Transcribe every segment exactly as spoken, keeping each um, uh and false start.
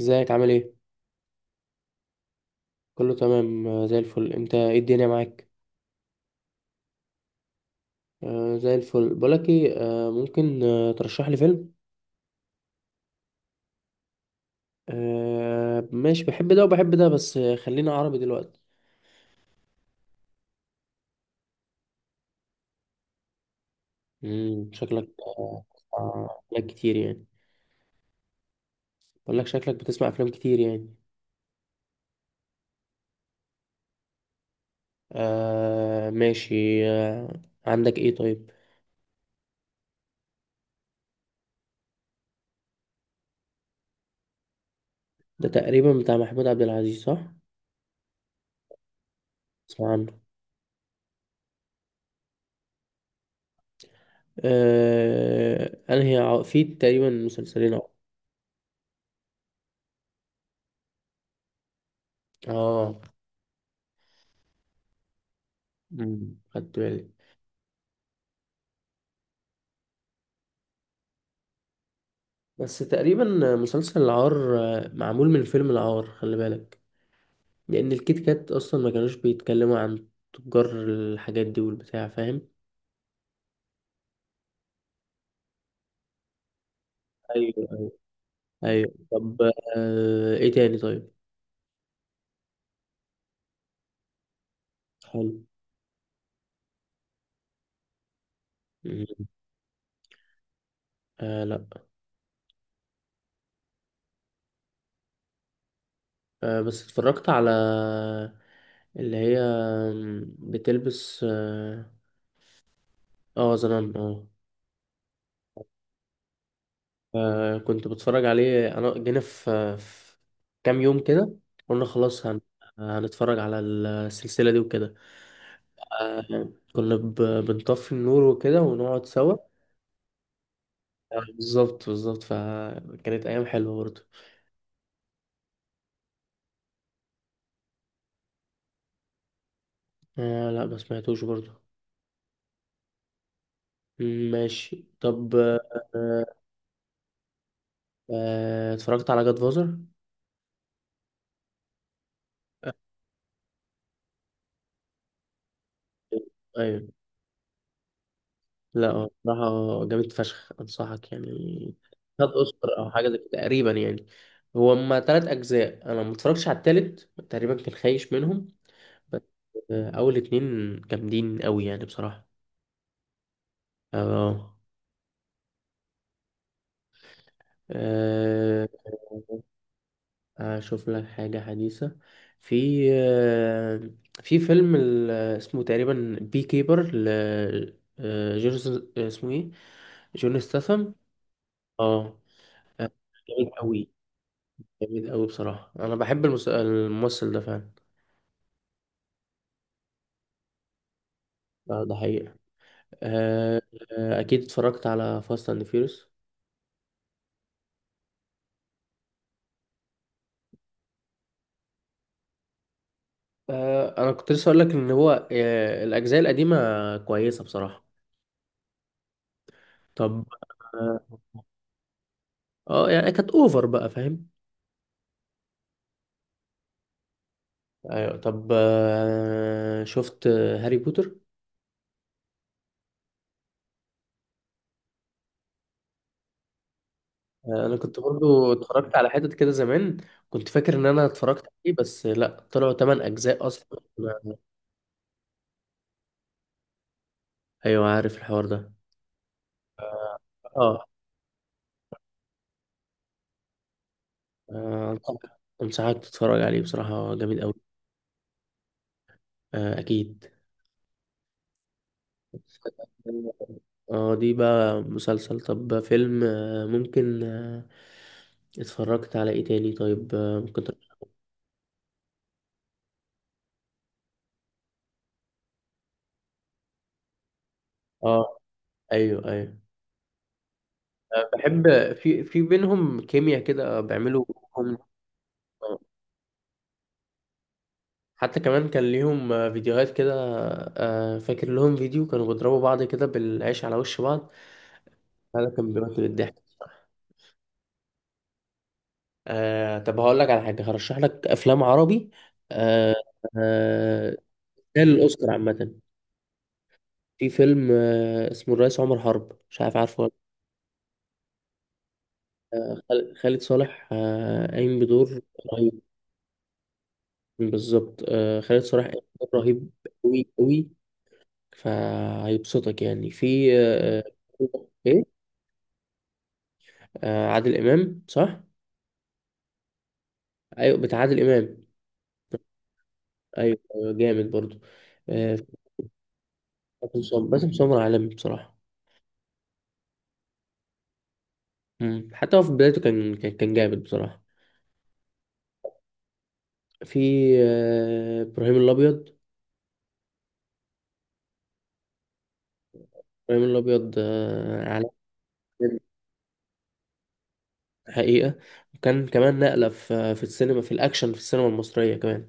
ازيك؟ عامل ايه؟ كله تمام آه، زي الفل. انت؟ ايه الدنيا معاك؟ آه، زي الفل. بقولك ايه؟ آه ممكن آه ترشح لي فيلم. آه، ماشي، بحب ده وبحب ده، بس آه، خلينا عربي دلوقتي. امم شكلك آه آه، افلام كتير يعني. بقولك شكلك بتسمع افلام كتير يعني. آه، ماشي. آه، عندك ايه طيب؟ ده تقريبا بتاع محمود عبد العزيز، صح؟ اسمع عنه. آه، انا هي في تقريبا مسلسلين أو- اه. مم، خدت بالي. بس تقريبا مسلسل العار آه، معمول من فيلم العار، خلي بالك. لأن الكيت كات أصلا ما كانوش بيتكلموا عن تجار الحاجات دي والبتاع، فاهم. أيوه، أيوه. أيوه، طب. آه إيه تاني طيب؟ حلو. مم. آه، لأ. آه، بس اتفرجت على اللي هي بتلبس اه آه، زنان اه آه، كنت بتفرج عليه. أنا جينا في في كام يوم كده، قلنا خلاص هن... هنتفرج على السلسلة دي وكده. آه، كنا ب- بنطفي النور وكده ونقعد سوا. آه، بالظبط بالظبط، فكانت أيام حلوة برضه. آه، لا، ما سمعتوش برضه. مم، ماشي، طب آه آه، اتفرجت على جاد فازر؟ أيوة. لا، هو بصراحة جامد فشخ، أنصحك يعني. خد أوسكار أو حاجة زي كده تقريبا يعني. هو هما تلات أجزاء، أنا ما اتفرجتش على التالت تقريبا، كان خايش منهم. بس آه أول اتنين جامدين أوي يعني بصراحة. اه. آه، اشوف لك حاجة حديثة. في آه، في فيلم ال- اسمه تقريبا بي كيبر ل آه، جورج، اسمه ايه؟ جون ستاثام. اه. آه، جامد قوي. جامد قوي بصراحة، انا بحب المس- الممثل ده فعلا. آه، ده حقيقة. آه. آه، اكيد اتفرجت على فاست اند فيوريوس. انا كنت لسه اقول لك ان هو آه، الاجزاء القديمة كويسة بصراحة. طب. اه. آه، يعني كانت اوفر بقى، فاهم. ايوه، طب آه، شفت هاري بوتر؟ آه، انا كنت برضو اتفرجت على حتت كده زمان. كنت فاكر ان انا اتفرجت عليه، بس لا، طلعوا تمانية اجزاء اصلا. ايوه، عارف الحوار ده. اه، آه، انصحك. أنصحك تتفرج عليه بصراحة، جميل قوي. آه، اكيد. اه، دي بقى مسلسل. طب فيلم آه، ممكن آه، اتفرجت على ايه تاني طيب؟ آه، ممكن تر- اه، ايوه ايوه. بحب في في بينهم كيمياء كده بيعملوا. هم. حتى كمان كان ليهم آه، فيديوهات كده. آه، فاكر لهم فيديو كانوا بيضربوا بعض كده بالعيش على وش بعض. هذا كان بيمثل الضحك. آه، طب هقول لك على حاجة، هرشح لك أفلام عربي. آه. آه. تستاهل الأوسكار عامة. في فيلم آه اسمه الرئيس عمر حرب، مش عارف عارفه ولا. لأ. خال- خالد صالح آه قايم بدور رهيب. بالظبط، آه، خالد صالح قايم بدور رهيب. أوي أوي. فهيبسطك يعني في مم. آه، ايه. آه، عادل امام صح؟ ايوه، بتاع عادل امام. ايوه، أيوة، جامد برضو. آه، باسم سمر، باسم سمر عالمي بصراحه. مم. حتى هو في بدايته كان كان كان جامد بصراحه. في آه، ابراهيم الابيض. ابراهيم الابيض آه، عالمي. بجد، حقيقه. وكان كمان نقله في في السينما، في الاكشن في السينما المصريه كمان.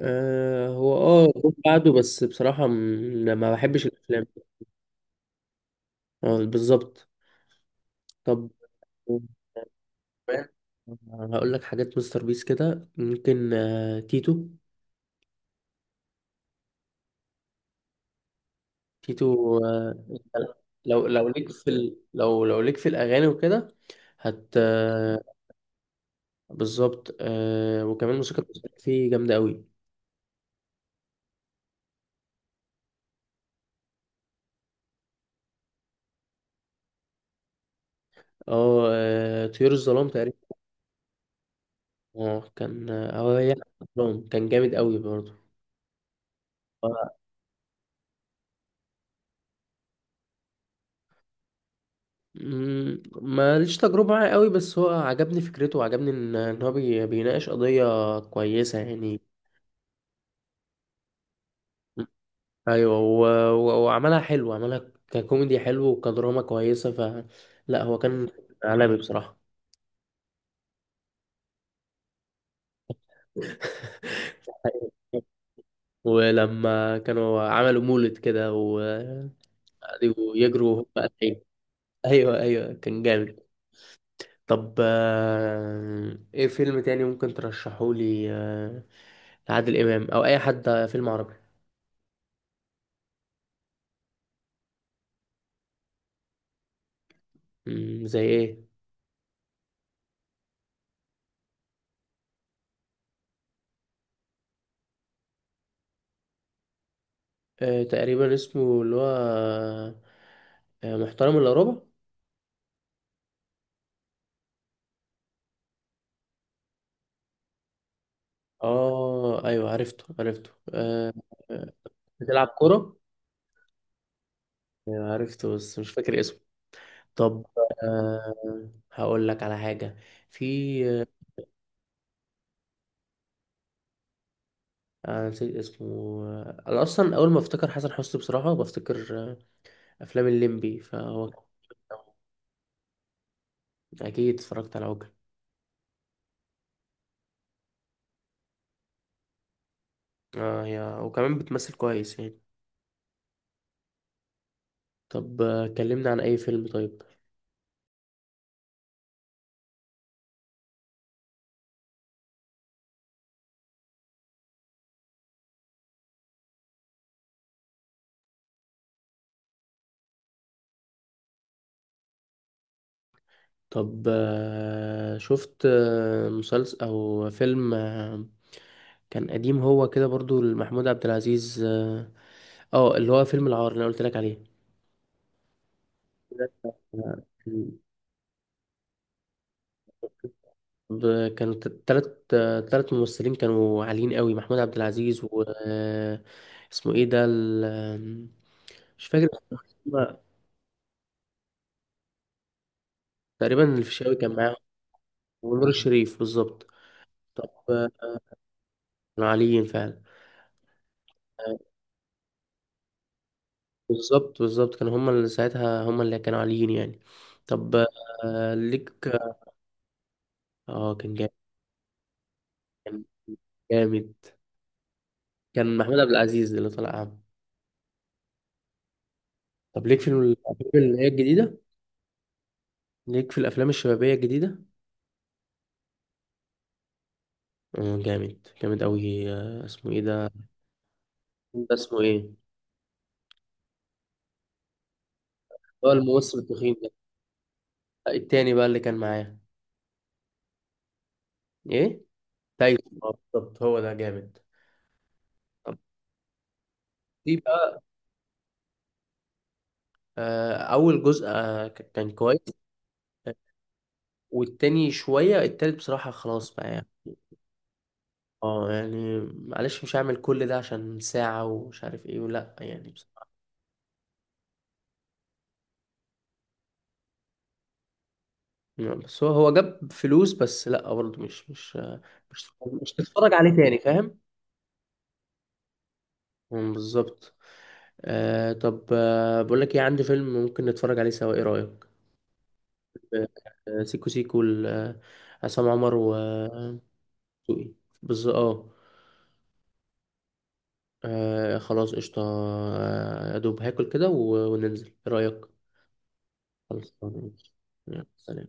آه، هو اه جم بعده، بس بصراحه م- ما بحبش الافلام. آه، بالظبط. طب. فاهم. هقول لك حاجات مستر بيس كده، ممكن آه، تيتو. تيتو. آه، لو لو ليك في ال... لو لو ليك في الاغاني وكده. هت آه، بالظبط. آه، وكمان الموسيقى بتاعته فيه جامده قوي. اه. آه، طيور الظلام تقريبا. اه، كان اه هي الظلام كان جامد قوي برضه. آه. مم، ماليش تجربه معاه قوي، بس هو عجبني فكرته، وعجبني ان إن هو بي... بيناقش قضيه كويسه يعني. ايوه، و- و- وعملها حلو، عملها ككوميدي حلو وكدراما كويسه ف لا، هو كان عالمي بصراحه. ولما كانوا عملوا مولد كده وقعدوا يجروا وهم قاعدين. ايوه، ايوه، كان جامد. طب آه، ايه فيلم تاني ممكن ترشحه لي آه، لعادل امام او اي حد، فيلم عربي. مم، زي ايه؟ آه، تقريبا اسمه اللي هو آه، آه، محترم الا ربع. اه، ايوه، عرفته عرفته آه. آه، بتلعب كرة. أيوة، عرفته بس مش فاكر اسمه. طب آه هقول لك على حاجة. في آه أنا نسيت اسمه. آه، انا اصلا اول ما افتكر حسن حسني بصراحة بفتكر آه افلام الليمبي فهو. اكيد اتفرجت على عوكل. اه، هي وكمان بتمثل كويس يعني. طب آه، كلمنا عن اي فيلم طيب. طب آه شفت آه مسلسل او فيلم آه، كان قديم، هو كده برضو لمحمود عبد العزيز اه. آه، اللي هو فيلم العار اللي أنا قلت لك عليه. آه، ب- كان ت- تلت آه، تلت ممثلين كانوا عاليين قوي، محمود عبد العزيز و... آه، اسمه ايه ده ال- آم، مش فاكر اسمه. تقريبا الفيشاوي كان معاهم. ونور الشريف، بالظبط. طب آه، كانوا عاليين فعلا. آه، بالظبط بالظبط، كانوا هما اللي ساعتها، هما اللي كانوا عاليين يعني. طب آه، ليك. اه، كان جامد. كان جامد. كان محمود عبد العزيز اللي طلع أعمى. طب ليك في الأفلام اللي هي الجديدة؟ ليك في الأفلام الشبابية الجديدة؟ آه، جامد جامد أوي. آه، اسمه إيه ده؟ ده اسمه إيه؟ هو الممثل التخين ده. آه، التاني بقى اللي كان معاه. إيه؟ تايسون. آه، بالظبط، هو ده جامد. طب في بقى. آه، أول جزء آه، ك- كان كويس. آه، والتاني شوية، التالت بصراحة خلاص بقى يعني. اه، يعني معلش، مش هعمل كل ده عشان ساعة ومش عارف ايه ولا يعني. نعم، بس هو هو جاب فلوس، بس لا برضه مش مش مش مش تتفرج عليه تاني، فاهم. مم، بالظبط. آه، طب آه بقول لك ايه، عندي فيلم ممكن نتفرج عليه سوا، ايه رأيك؟ آه، سيكو سيكو ل- آه، عصام عمر و دسوقي. بالظبط، اه. آه، خلاص، قشطة. آه، يا دوب هاكل كده و- وننزل، ايه رأيك؟ خلاص، تمام، ماشي. يلا، سلام.